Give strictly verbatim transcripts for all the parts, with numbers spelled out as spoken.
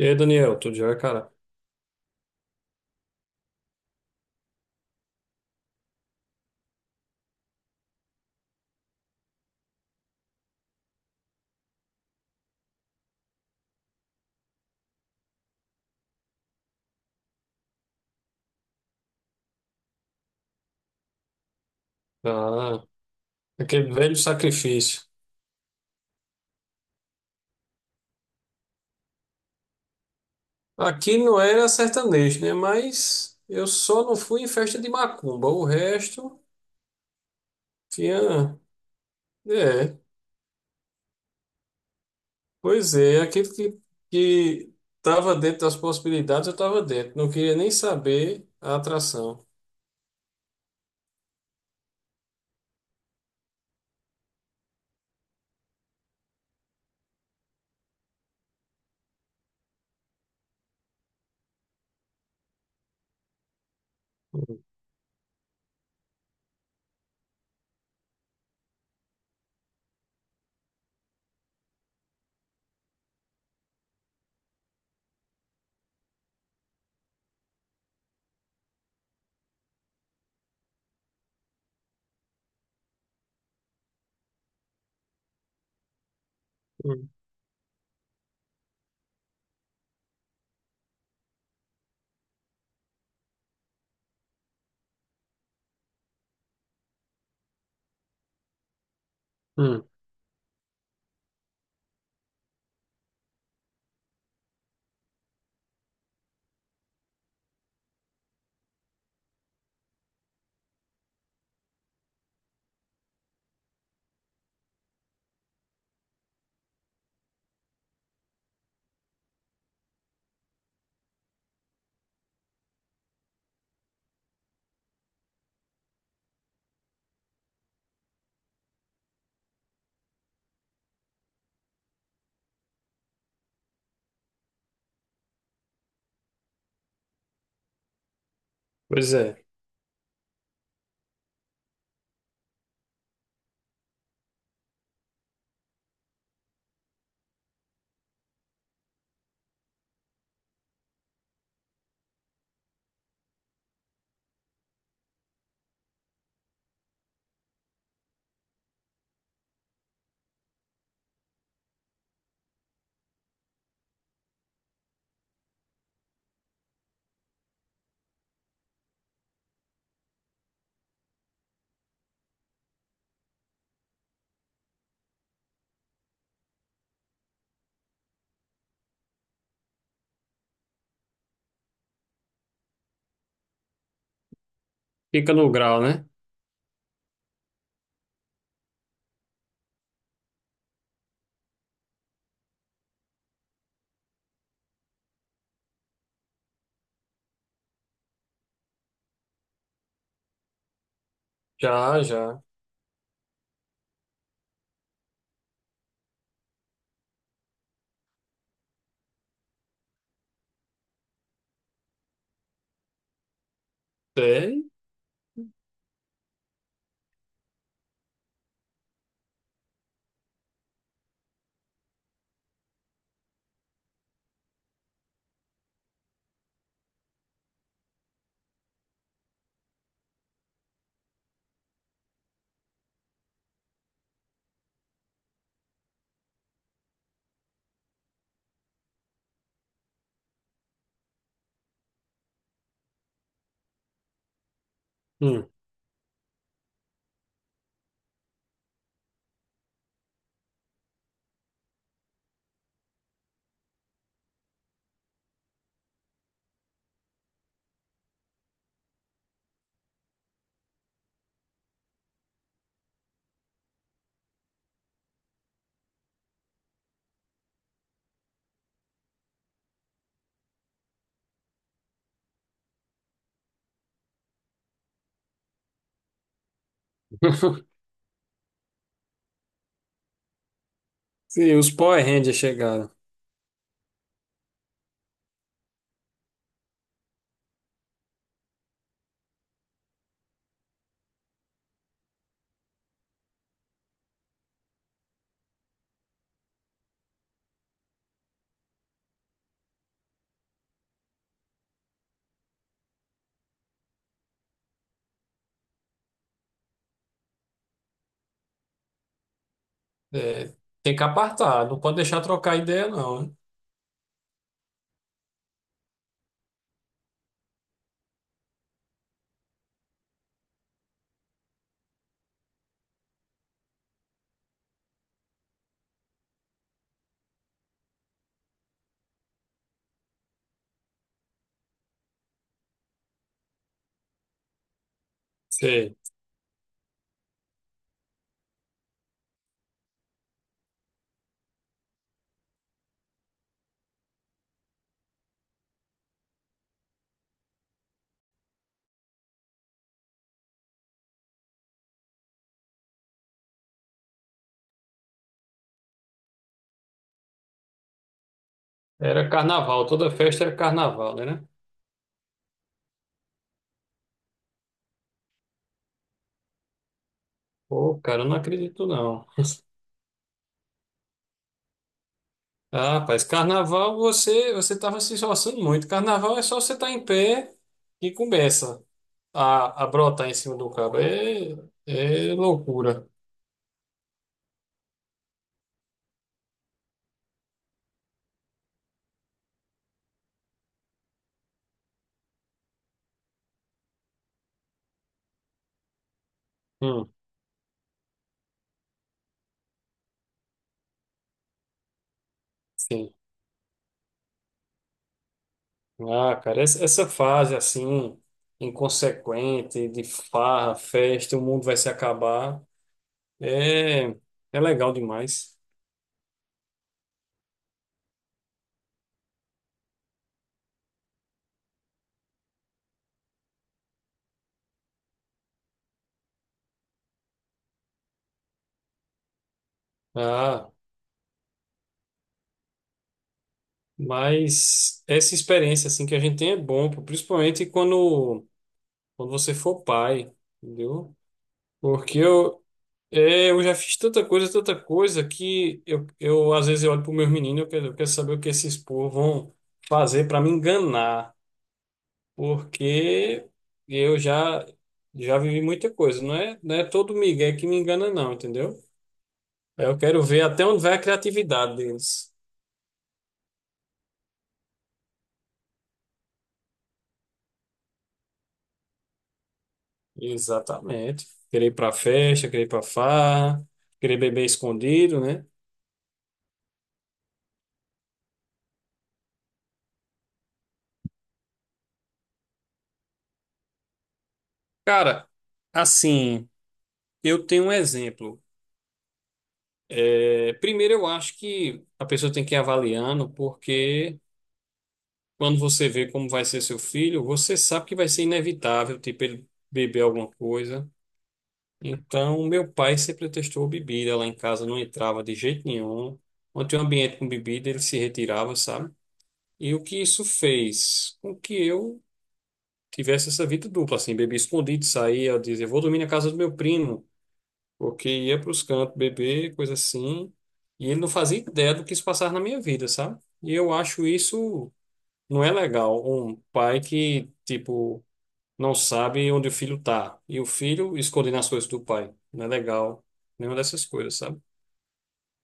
E aí, Daniel, tudo jóia, cara? Ah, aquele velho sacrifício. Aqui não era sertanejo, né? Mas eu só não fui em festa de macumba. O resto tinha. É, pois é, aquilo que, que estava dentro das possibilidades, eu estava dentro. Não queria nem saber a atração. Hum, hum, hum. Pois é, fica no grau, né? Já, já. É. Hum. Sim, os Power Rangers chegaram. É, tem que apartar, não pode deixar trocar ideia, não, né? Sei. Era carnaval, toda festa era carnaval, né? né? Pô, cara, eu não acredito não. Ah, rapaz, carnaval você você tava se esforçando muito. Carnaval é só você estar em pé e começa a, a brotar em cima do cabo. É, é loucura. Hum, sim. Ah, cara, essa, essa fase assim, inconsequente, de farra, festa, o mundo vai se acabar, é, é legal demais. Ah. Mas essa experiência assim que a gente tem é bom, pô, principalmente quando, quando você for pai, entendeu? Porque eu, é, eu já fiz tanta coisa, tanta coisa que eu, eu às vezes eu olho para os meus meninos, eu quero, eu quero saber o que esses povos vão fazer para me enganar, porque eu já já vivi muita coisa, não é, não é todo migué que me engana não, entendeu? Eu quero ver até onde vai a criatividade deles. Exatamente. Querer ir pra festa, querer ir pra farra, querer beber escondido, né? Cara, assim, eu tenho um exemplo. É, primeiro, eu acho que a pessoa tem que ir avaliando, porque quando você vê como vai ser seu filho, você sabe que vai ser inevitável, tipo, ele beber alguma coisa. Então, meu pai sempre testou bebida lá em casa, não entrava de jeito nenhum. Quando tinha um ambiente com bebida, ele se retirava, sabe? E o que isso fez? Com que eu tivesse essa vida dupla, assim, bebia escondido, saía, eu dizia, vou dormir na casa do meu primo, porque ia para os cantos beber, coisa assim, e ele não fazia ideia do que isso passava na minha vida, sabe? E eu acho isso não é legal, um pai que, tipo, não sabe onde o filho tá, e o filho escondendo as coisas do pai, não é legal, nenhuma dessas coisas, sabe?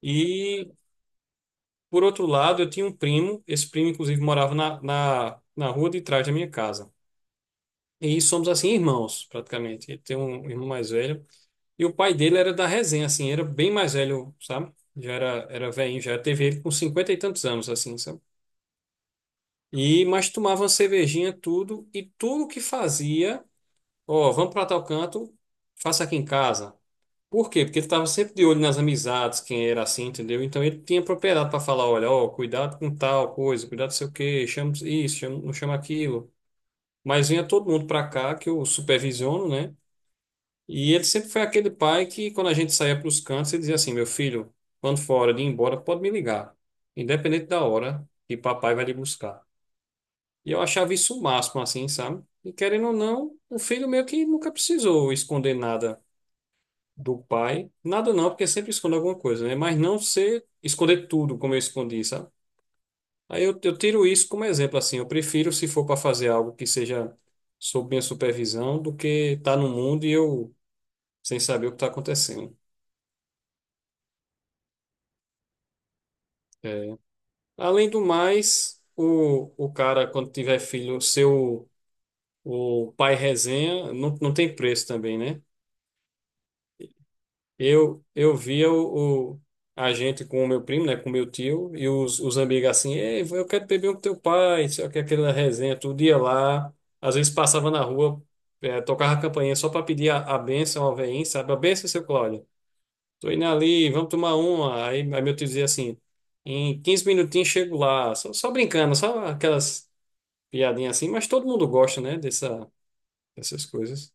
E, por outro lado, eu tinha um primo, esse primo, inclusive, morava na, na, na rua de trás da minha casa. E somos assim irmãos, praticamente. Ele tem um irmão mais velho. E o pai dele era da resenha, assim, era bem mais velho, sabe? Já era, era velhinho, já teve ele com cinquenta e tantos anos, assim, sabe? E, mas tomava uma cervejinha, tudo, e tudo que fazia, ó, vamos pra tal canto, faça aqui em casa. Por quê? Porque ele estava sempre de olho nas amizades, quem era assim, entendeu? Então ele tinha propriedade para falar, olha, ó, cuidado com tal coisa, cuidado não sei o quê, chama isso, chama, não chama aquilo. Mas vinha todo mundo para cá, que eu supervisiono, né? E ele sempre foi aquele pai que, quando a gente saía para os cantos, ele dizia assim: meu filho, quando for hora de ir embora, pode me ligar, independente da hora que papai vai lhe buscar. E eu achava isso o máximo, assim, sabe? E querendo ou não, o filho meio que nunca precisou esconder nada do pai. Nada não, porque sempre esconde alguma coisa, né? Mas não ser esconder tudo como eu escondi, sabe? Aí eu, eu tiro isso como exemplo, assim. Eu prefiro, se for para fazer algo que seja sob minha supervisão, do que estar no mundo e eu sem saber o que está acontecendo. É, além do mais, o, o cara, quando tiver filho, seu o pai resenha, não, não tem preço também, né? Eu, eu via o, o- a gente com o meu primo, né, com o meu tio, e os, os amigos assim, ei, eu quero beber um com teu pai, só que aquela resenha, todo dia lá, às vezes passava na rua, eh, tocava a campainha só para pedir a, a bênção ao veinho, sabe? A bênção, seu Cláudio, tô indo ali, vamos tomar uma. Aí, aí meu tio dizia assim, em quinze minutinhos chego lá, só, só brincando, só aquelas piadinha assim, mas todo mundo gosta, né, dessa, dessas coisas.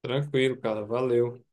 Tranquilo, cara, valeu.